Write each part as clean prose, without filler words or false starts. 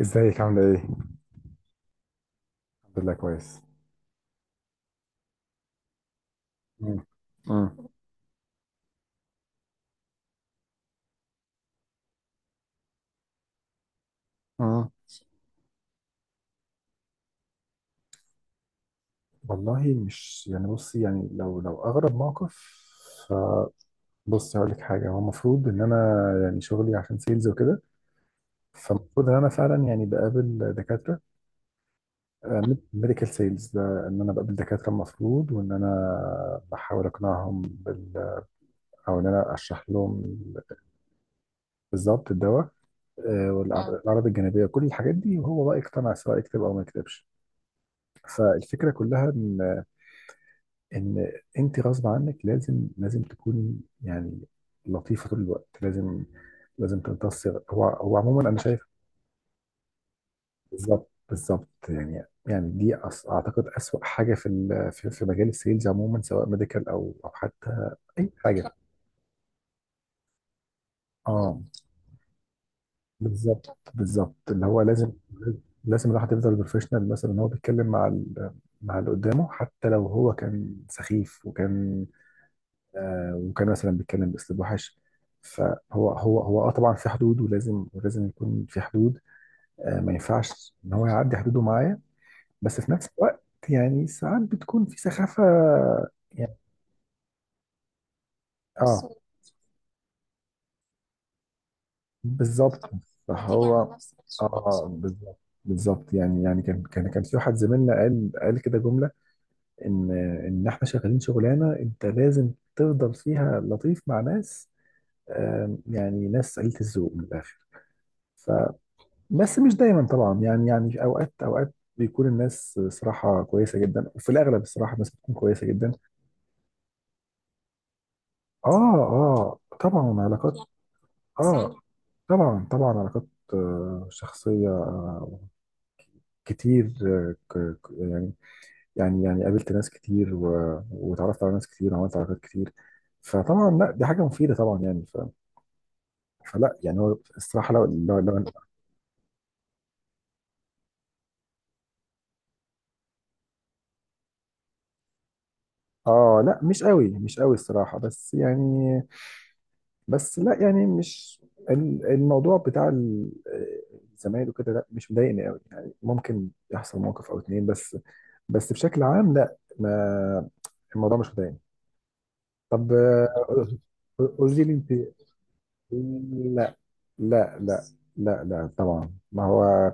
ازيك عاملة ايه؟ الحمد لله كويس. مم. مم. مم. والله مش يعني. بصي يعني لو اغرب موقف، فبصي هقول لك حاجة. هو المفروض ان انا، يعني شغلي عشان سيلز وكده. فالمفروض ان انا فعلا يعني بقابل دكاترة، ميديكال سيلز ده، ان انا بقابل دكاترة المفروض، وان انا بحاول اقنعهم او ان انا اشرح لهم بالظبط الدواء، والأعراض. الأعراض الجانبية، كل الحاجات دي، وهو بقى يقتنع سواء يكتب أو ما يكتبش. فالفكرة كلها ان انت غصب عنك، لازم تكوني يعني لطيفه طول الوقت، لازم تمتصي. هو عموما انا شايف. بالظبط بالظبط. يعني يعني دي اعتقد اسوأ حاجه في في مجال السيلز عموما، سواء ميديكال او حتى اي حاجه. اه، بالظبط بالظبط، اللي هو لازم، لازم الواحد يفضل بروفيشنال، مثلا هو بيتكلم مع مع اللي قدامه، حتى لو هو كان سخيف وكان، وكان مثلا بيتكلم باسلوب وحش. فهو، هو هو اه طبعا في حدود، ولازم يكون في حدود. ما ينفعش ان هو يعدي حدوده معايا. بس في نفس الوقت يعني ساعات بتكون في سخافة يعني. اه بالظبط، ناتجة عن، فهو اه بالظبط بالظبط. يعني يعني كان في واحد زميلنا قال كده جملة، ان ان احنا شغالين شغلانة انت لازم تفضل فيها لطيف مع ناس، يعني ناس قليلة الذوق من الاخر. بس مش دايما طبعا. يعني يعني في اوقات بيكون الناس صراحه كويسه جدا، وفي الاغلب الصراحه الناس بتكون كويسه جدا. اه. اه طبعا، علاقات. اه طبعا طبعا، علاقات شخصيه، كتير. يعني يعني يعني قابلت ناس كتير، واتعرفت على ناس كتير، وعملت علاقات كتير. فطبعا لا، دي حاجه مفيده طبعا يعني. فلا يعني، هو الصراحه لو. اه، لا، مش قوي مش قوي الصراحه. بس يعني، بس لا يعني، مش، الموضوع بتاع الزمايل وكده، لا مش مضايقني قوي يعني. ممكن يحصل موقف او اتنين بس بشكل عام لا. ما الموضوع مش مضايقني. طب، قولي لي انت. لا. لا، لا، لا، لا طبعا. ما هو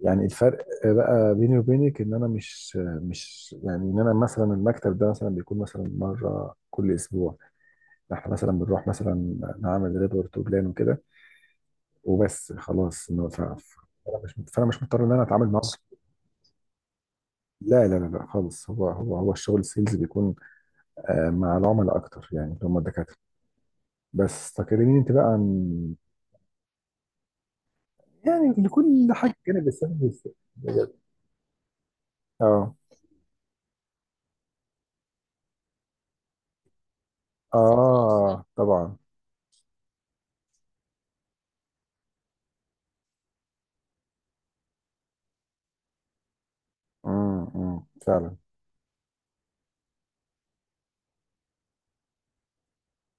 يعني الفرق بقى بيني وبينك ان انا مش، مش ان انا مثلا المكتب ده مثلا بيكون مثلا مره كل اسبوع. احنا مثلا بنروح مثلا نعمل ريبورت وبلان وكده، وبس خلاص إنه فانا مش مضطر ان انا اتعامل معاه. لا، لا، لا، لا خالص. هو الشغل السيلز بيكون مع العملاء اكتر يعني، اللي هم الدكاتره. بس تكلميني انت بقى عن، يعني لكل حاجه جانب السيلز بجد. اه، اه طبعا. امم. فعلا.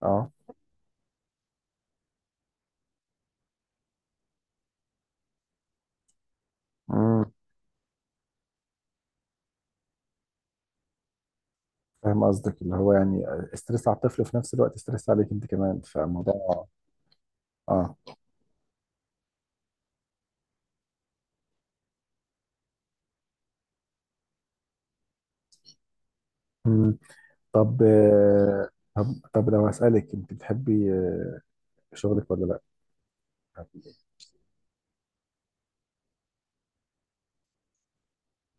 اه. امم فاهم قصدك، اللي هو يعني استرس على الطفل، وفي نفس الوقت استرس عليك انت كمان، فالموضوع. اه. امم طب، طب طب لو هسألك، انت بتحبي شغلك ولا لا.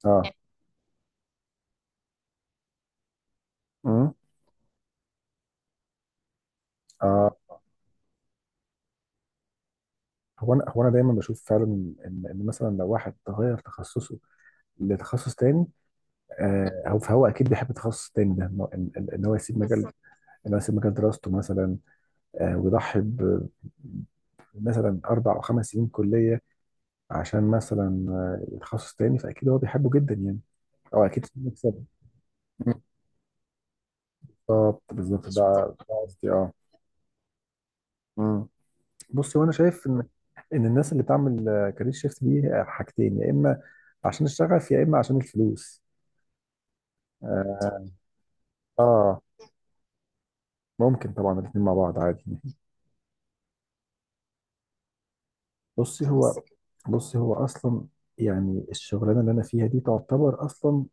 اه. امم آه. هو انا دايما بشوف فعلا ان، ان مثلا لو واحد تغير تخصصه لتخصص تاني، آه هو فهو اكيد بيحب التخصص التاني ده، ان إن- إن- إن هو يسيب مجال، ان هو يسيب مجال دراسته مثلا، ويضحي مثلا 4 او 5 سنين كليه، عشان مثلا تخصص تاني. فاكيد هو بيحبه جدا يعني، او اكيد بيكسب. بالظبط بالظبط. ده مقارنة، ده قصدي. اه. بص، وانا شايف ان، ان الناس اللي بتعمل كارير شيفت دي حاجتين، يا اما عشان الشغف، يا اما عشان الفلوس. اه. آه، ممكن طبعا الاثنين مع بعض عادي. بصي هو كده بصي هو اصلا، يعني الشغلانه اللي انا فيها دي تعتبر اصلا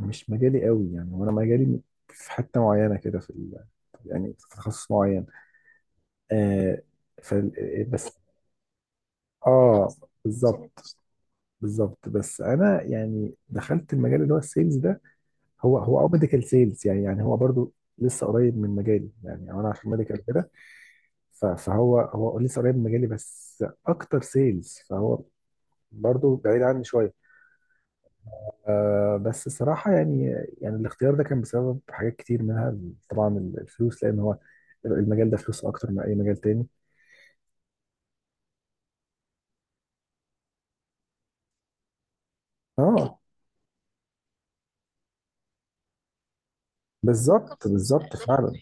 مش مجالي قوي يعني، وانا مجالي في حته معينه كده في يعني في تخصص معين. آه ف بس اه، بالظبط بالظبط. بس انا يعني دخلت المجال اللي هو السيلز ده. هو هو اه ميديكال سيلز، يعني يعني هو برضو لسه قريب من مجالي، يعني انا عشان ميديكال كده. فهو لسه قريب من مجالي بس اكتر سيلز، فهو برضو بعيد عني شويه. بس الصراحه يعني، يعني الاختيار ده كان بسبب حاجات كتير، منها طبعا الفلوس، لان هو المجال ده فلوس اكتر من اي مجال تاني. اه، بالظبط بالظبط فعلا.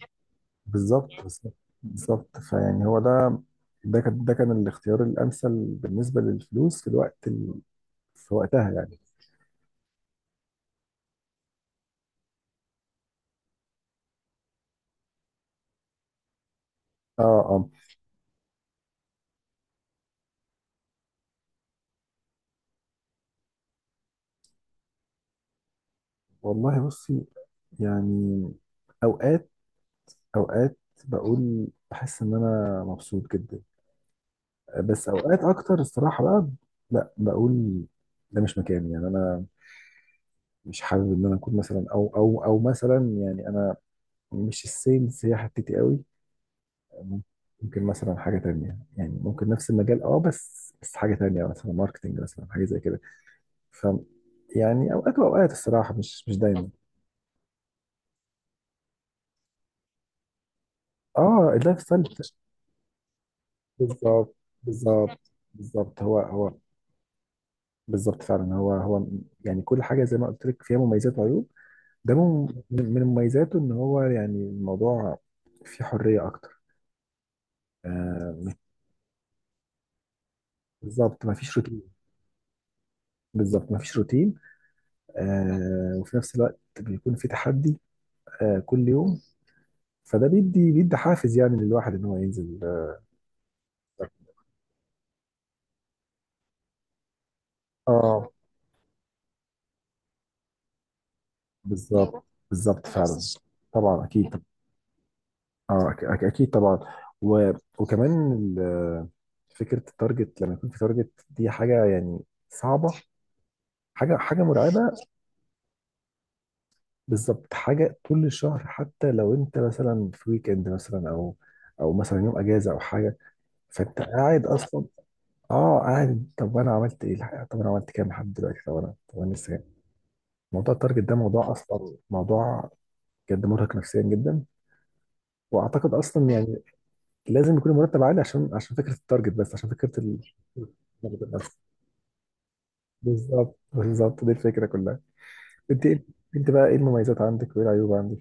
بالظبط بالظبط. بالظبط. فيعني هو ده، ده كان الاختيار الامثل بالنسبه للفلوس في الوقت في وقتها يعني. اه، اه. والله بصي، يعني اوقات اوقات بقول بحس ان انا مبسوط جدا، بس اوقات اكتر الصراحه بقى لا بقول ده مش مكاني. يعني انا مش حابب ان انا اكون مثلا، او مثلا يعني انا، مش السيلز هي حتتي قوي. ممكن مثلا حاجه تانية، يعني ممكن نفس المجال اه بس، حاجه تانية مثلا ماركتنج، مثلا حاجه زي كده. ف يعني اوقات واوقات الصراحه، مش دايما. اه، اللايف ستايل. بالظبط بالظبط بالظبط. هو هو بالظبط فعلا. هو هو يعني كل حاجه زي ما قلت لك فيها مميزات وعيوب. ده من مميزاته، ان هو يعني الموضوع فيه حريه اكتر. آه بالظبط، ما فيش روتين. بالظبط، ما فيش روتين. وفي نفس الوقت بيكون في تحدي كل يوم. فده بيدي حافز يعني للواحد ان هو ينزل. اه، بالظبط بالظبط فعلا. طبعا اكيد. اه، اكيد طبعا. و... وكمان ال- فكره التارجت، لما يكون في تارجت دي حاجه يعني صعبه. حاجه مرعبه. بالظبط، حاجه طول الشهر. حتى لو انت مثلا في ويكند مثلا، او او مثلا يوم اجازه او حاجه، فانت قاعد اصلا. اه قاعد، طب انا عملت ايه الحقيقه، طب انا عملت كام لحد دلوقتي، طب انا لسه كام؟ موضوع التارجت ده موضوع بجد مرهق نفسيا جدا. واعتقد اصلا يعني لازم يكون المرتب عالي، عشان فكره التارجت، بس عشان فكره بس. بالظبط بالظبط، دي الفكره كلها. انت ايه انت بقى ايه المميزات عندك وايه العيوب عندك؟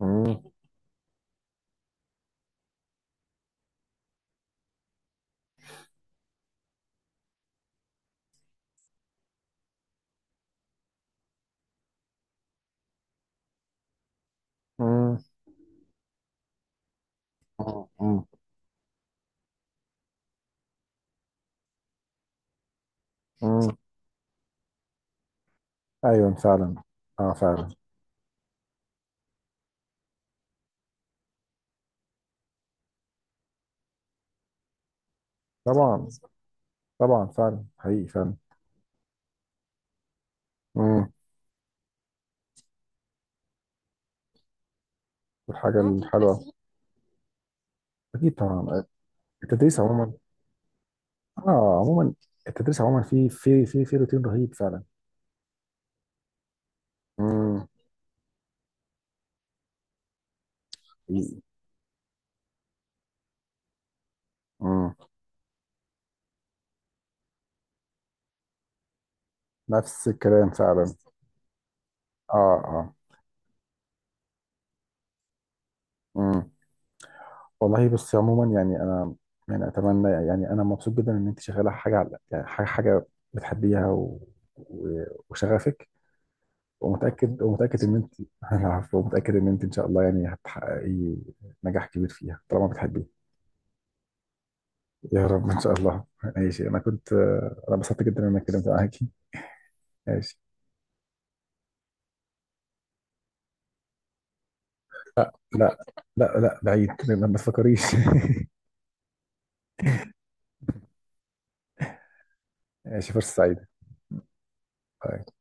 مم. مم. مم. مم. ايوه فعلا. اه فعلا. طبعا طبعا، فعلا حقيقي فعلا. مم. والحاجه الحلوه. اكيد طبعا. التدريس عموما. اه عموما، التدريس عموما في روتين رهيب فعلا. مم. حقيقي. مم. نفس الكلام فعلا. اه. اه. مم. والله بصي عموما يعني انا، يعني اتمنى، يعني انا مبسوط جدا ان انت شغاله حاجه على، يعني حاجه بتحبيها، وشغفك، ومتاكد ومتاكد ان انت. العفو. ومتاكد ان انت ان شاء الله يعني هتحققي نجاح كبير فيها طالما بتحبيه. يا رب ان شاء الله. ماشي، انا كنت انا انبسطت جدا ان انا اتكلمت معاكي. ماشي. لا، لا، لا، لا، بعيد ما تفكريش. ماشي، فرصه سعيده. باي.